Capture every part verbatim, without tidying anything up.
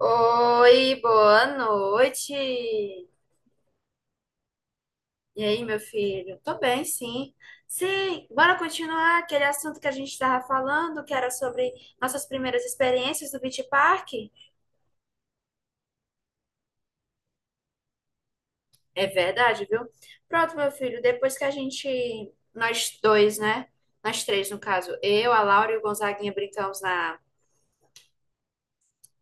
Oi, boa noite. E aí, meu filho? Tô bem, sim. Sim, bora continuar aquele assunto que a gente estava falando, que era sobre nossas primeiras experiências do Beach Park. É verdade, viu? Pronto, meu filho, depois que a gente, nós dois, né? Nós três, no caso, eu, a Laura e o Gonzaguinha brincamos na,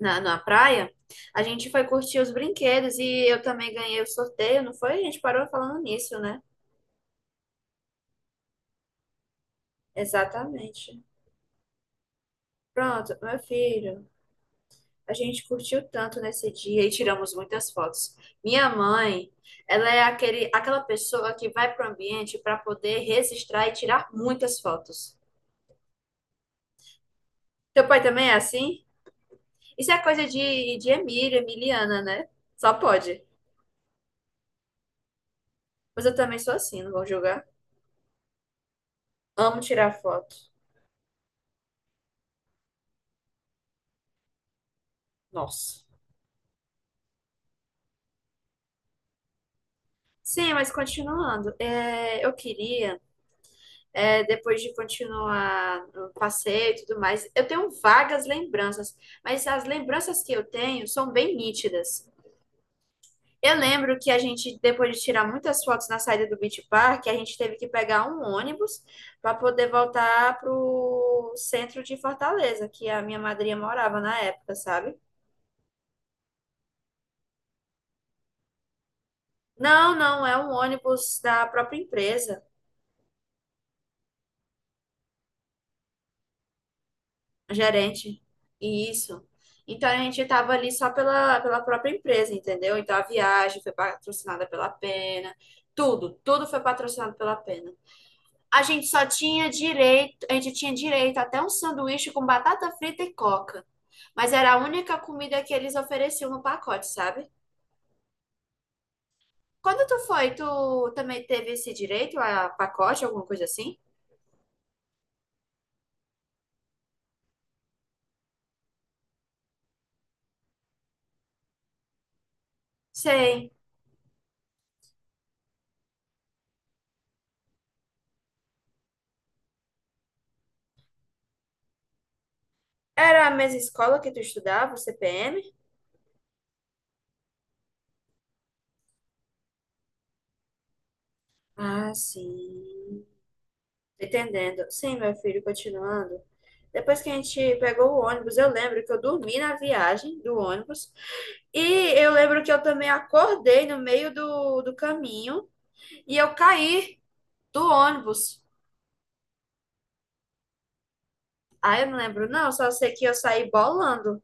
na, na praia, a gente foi curtir os brinquedos e eu também ganhei o sorteio, não foi? A gente parou falando nisso, né? Exatamente. Pronto, meu filho, a gente curtiu tanto nesse dia e tiramos muitas fotos. Minha mãe, ela é aquele, aquela pessoa que vai para o ambiente para poder registrar e tirar muitas fotos. Teu pai também é assim? Isso é coisa de, de Emílio, Emiliana, né? Só pode. Mas eu também sou assim, não vou julgar. Amo tirar foto. Nossa. Sim, mas continuando, é, eu queria. é, depois de continuar o passeio e tudo mais. Eu tenho vagas lembranças, mas as lembranças que eu tenho são bem nítidas. Eu lembro que a gente, depois de tirar muitas fotos na saída do Beach Park, a gente teve que pegar um ônibus para poder voltar para o centro de Fortaleza, que a minha madrinha morava na época, sabe? Não, não, é um ônibus da própria empresa. Gerente. Isso. Então a gente estava ali só pela, pela própria empresa, entendeu? Então a viagem foi patrocinada pela Pena, tudo, tudo foi patrocinado pela Pena. A gente só tinha direito, a gente tinha direito até um sanduíche com batata frita e coca. Mas era a única comida que eles ofereciam no pacote, sabe? Quando tu foi, tu também teve esse direito a pacote, alguma coisa assim? Sei. Era a mesma escola que tu estudava, o C P M? Ah, sim. Entendendo. Sim, meu filho, continuando. Depois que a gente pegou o ônibus, eu lembro que eu dormi na viagem do ônibus. E eu lembro que eu também acordei no meio do, do caminho e eu caí do ônibus. Ah, eu não lembro, não, só sei que eu saí bolando.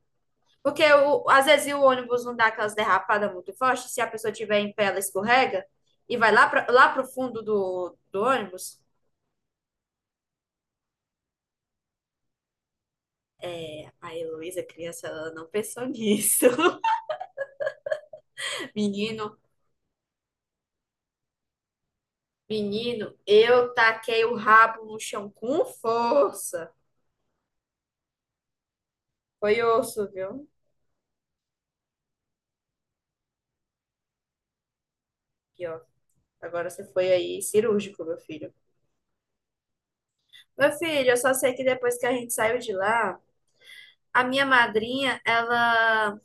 Porque o- às vezes o ônibus não dá aquelas derrapadas muito fortes, se a pessoa tiver em pé, ela escorrega e vai lá para lá pro fundo do, do ônibus. É, a Heloísa, criança, ela não pensou nisso. Menino, Menino, eu taquei o rabo no chão com força. Foi osso, viu? Aqui, ó. Agora você foi aí cirúrgico, meu filho. Meu filho, eu só sei que depois que a gente saiu de lá, a minha madrinha, ela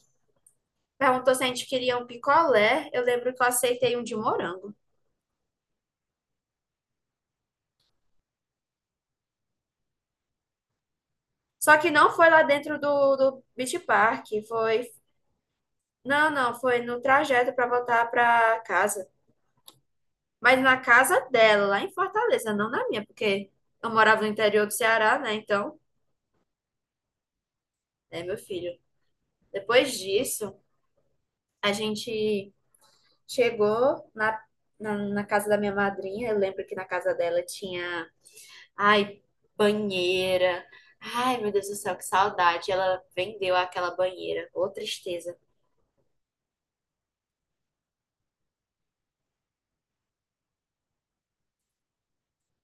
perguntou se a gente queria um picolé. Eu lembro que eu aceitei um de morango. Só que não foi lá dentro do, do Beach Park, foi. Não, não, foi no trajeto para voltar para casa. Mas na casa dela, lá em Fortaleza, não na minha, porque eu morava no interior do Ceará, né? Então. Né, meu filho? Depois disso, a gente chegou na, na, na casa da minha madrinha. Eu lembro que na casa dela tinha, ai, banheira. Ai, meu Deus do céu, que saudade. Ela vendeu aquela banheira. Ô, tristeza.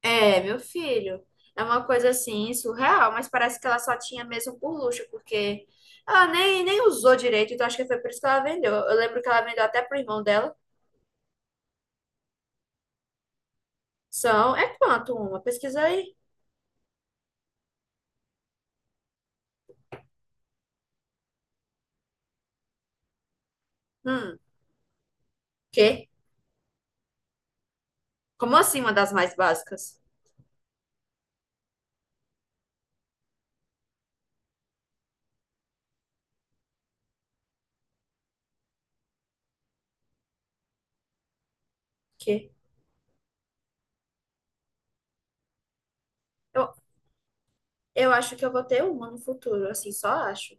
É, meu filho. É uma coisa assim, surreal, mas parece que ela só tinha mesmo por luxo, porque ela nem, nem usou direito, então acho que foi por isso que ela vendeu. Eu lembro que ela vendeu até pro irmão dela. São, é quanto uma? Pesquisa aí. Hum, quê? Como assim uma das mais básicas? Que eu, eu acho que eu vou ter uma no futuro, assim, só acho.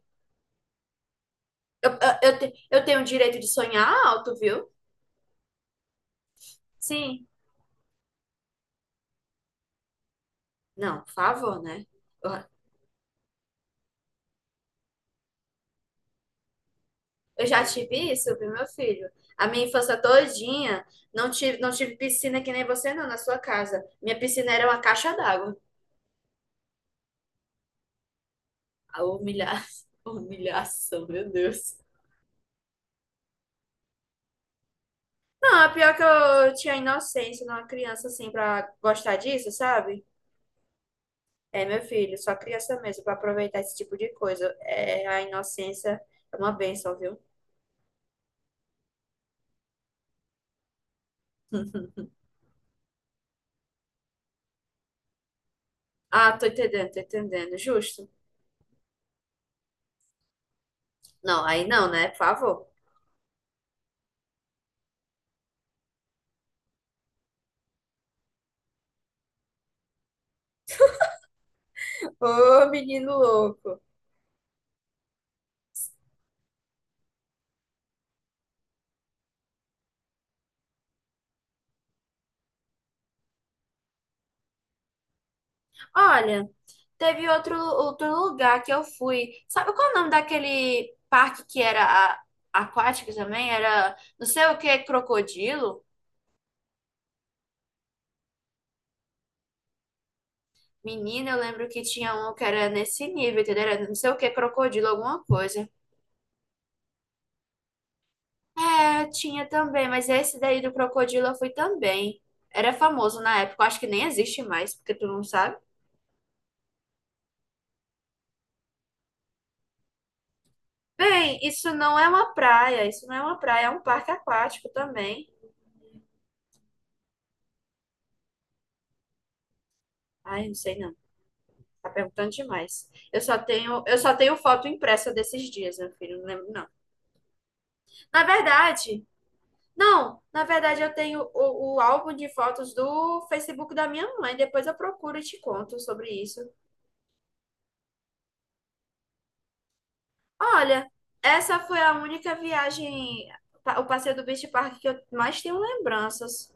Eu, eu, eu, te- eu tenho o direito de sonhar alto, viu? Sim. Não, por favor, né? Eu, eu já tive isso, viu, meu filho? A minha infância todinha, não tive, não tive piscina que nem você, não, na sua casa. Minha piscina era uma caixa d'água. A humilha... Humilhação, meu Deus. Não, é pior que eu tinha inocência, eu era uma criança assim, pra gostar disso, sabe? É, meu filho, só criança mesmo para aproveitar esse tipo de coisa. É, a inocência é uma bênção, viu? Ah, tô entendendo, tô entendendo. Justo. Não, aí não, né? Por favor. Ô, menino louco. Olha, teve outro, outro lugar que eu fui. Sabe qual é o nome daquele parque que era a- aquático também? Era não sei o que, crocodilo? Menina, eu lembro que tinha um que era nesse nível, entendeu? Era não sei o que, crocodilo, alguma coisa. É, tinha também, mas esse daí do crocodilo eu fui também. Era famoso na época, eu acho que nem existe mais, porque tu não sabe. Bem, isso não é uma praia, isso não é uma praia, é um parque aquático também. Ai, não sei não, tá perguntando demais. Eu só tenho, eu só tenho foto impressa desses dias, meu filho, não lembro não. Na verdade, não, na verdade eu tenho o, o álbum de fotos do Facebook da minha mãe, depois eu procuro e te conto sobre isso. Olha, essa foi a única viagem, pa- o passeio do Beach Park que eu mais tenho lembranças.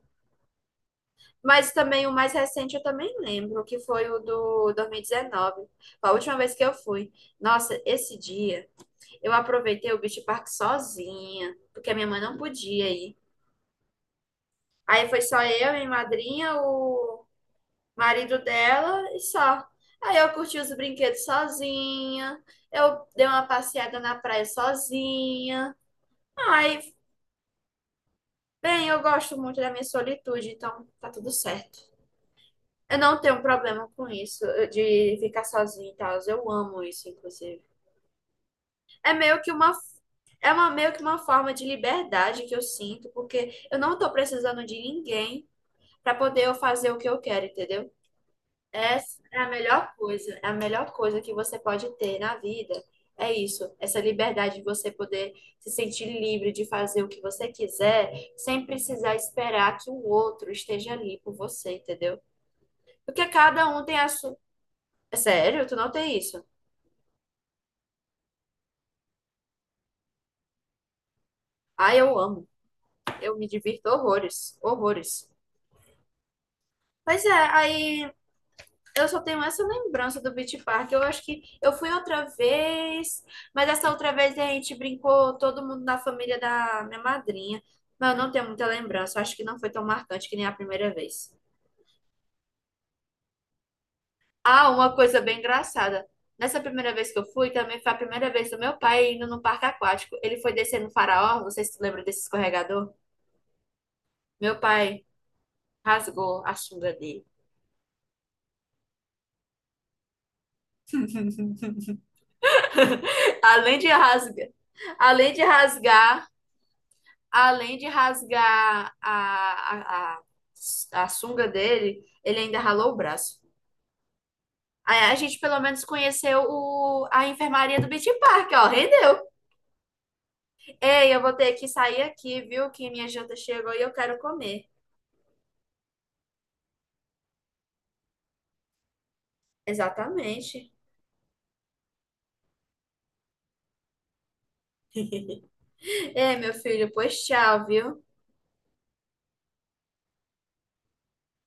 Mas também o mais recente eu também lembro, que foi o do dois mil e dezenove. Foi a última vez que eu fui. Nossa, esse dia eu aproveitei o Beach Park sozinha, porque a minha mãe não podia ir. Aí foi só eu, minha madrinha, o marido dela e só. Aí eu curti os brinquedos sozinha, eu dei uma passeada na praia sozinha. Ai, bem, eu gosto muito da minha solitude, então tá tudo certo. Eu não tenho problema com isso, eu- de ficar sozinha e tal. Eu amo isso, inclusive. É meio que uma, é uma, meio que uma forma de liberdade que eu sinto, porque eu não tô precisando de ninguém pra poder eu fazer o que eu quero, entendeu? Essa é a melhor coisa, é a melhor coisa que você pode ter na vida. É isso, essa liberdade de você poder se sentir livre de fazer o que você quiser, sem precisar esperar que o outro esteja ali por você, entendeu? Porque cada um tem a sua. É sério, tu não tem isso? Ah, eu amo. Eu me divirto horrores, horrores. Pois é, aí eu só tenho essa lembrança do Beach Park. Eu acho que eu fui outra vez, mas essa outra vez a gente brincou todo mundo na família da minha madrinha. Mas eu não tenho muita lembrança. Eu acho que não foi tão marcante que nem a primeira vez. Ah, uma coisa bem engraçada. Nessa primeira vez que eu fui, também foi a primeira vez do meu pai indo no parque aquático. Ele foi descendo o faraó. Vocês se lembram desse escorregador? Meu pai rasgou a sunga dele. Além de rasgar, além de rasgar além de rasgar a, a, a, a sunga dele, ele ainda ralou o braço. Aí a gente pelo menos conheceu o, a enfermaria do Beach Park, ó, rendeu. Ei, eu vou ter que sair aqui, viu? Que minha janta chegou e eu quero comer. Exatamente. É, meu filho, pois tchau, viu?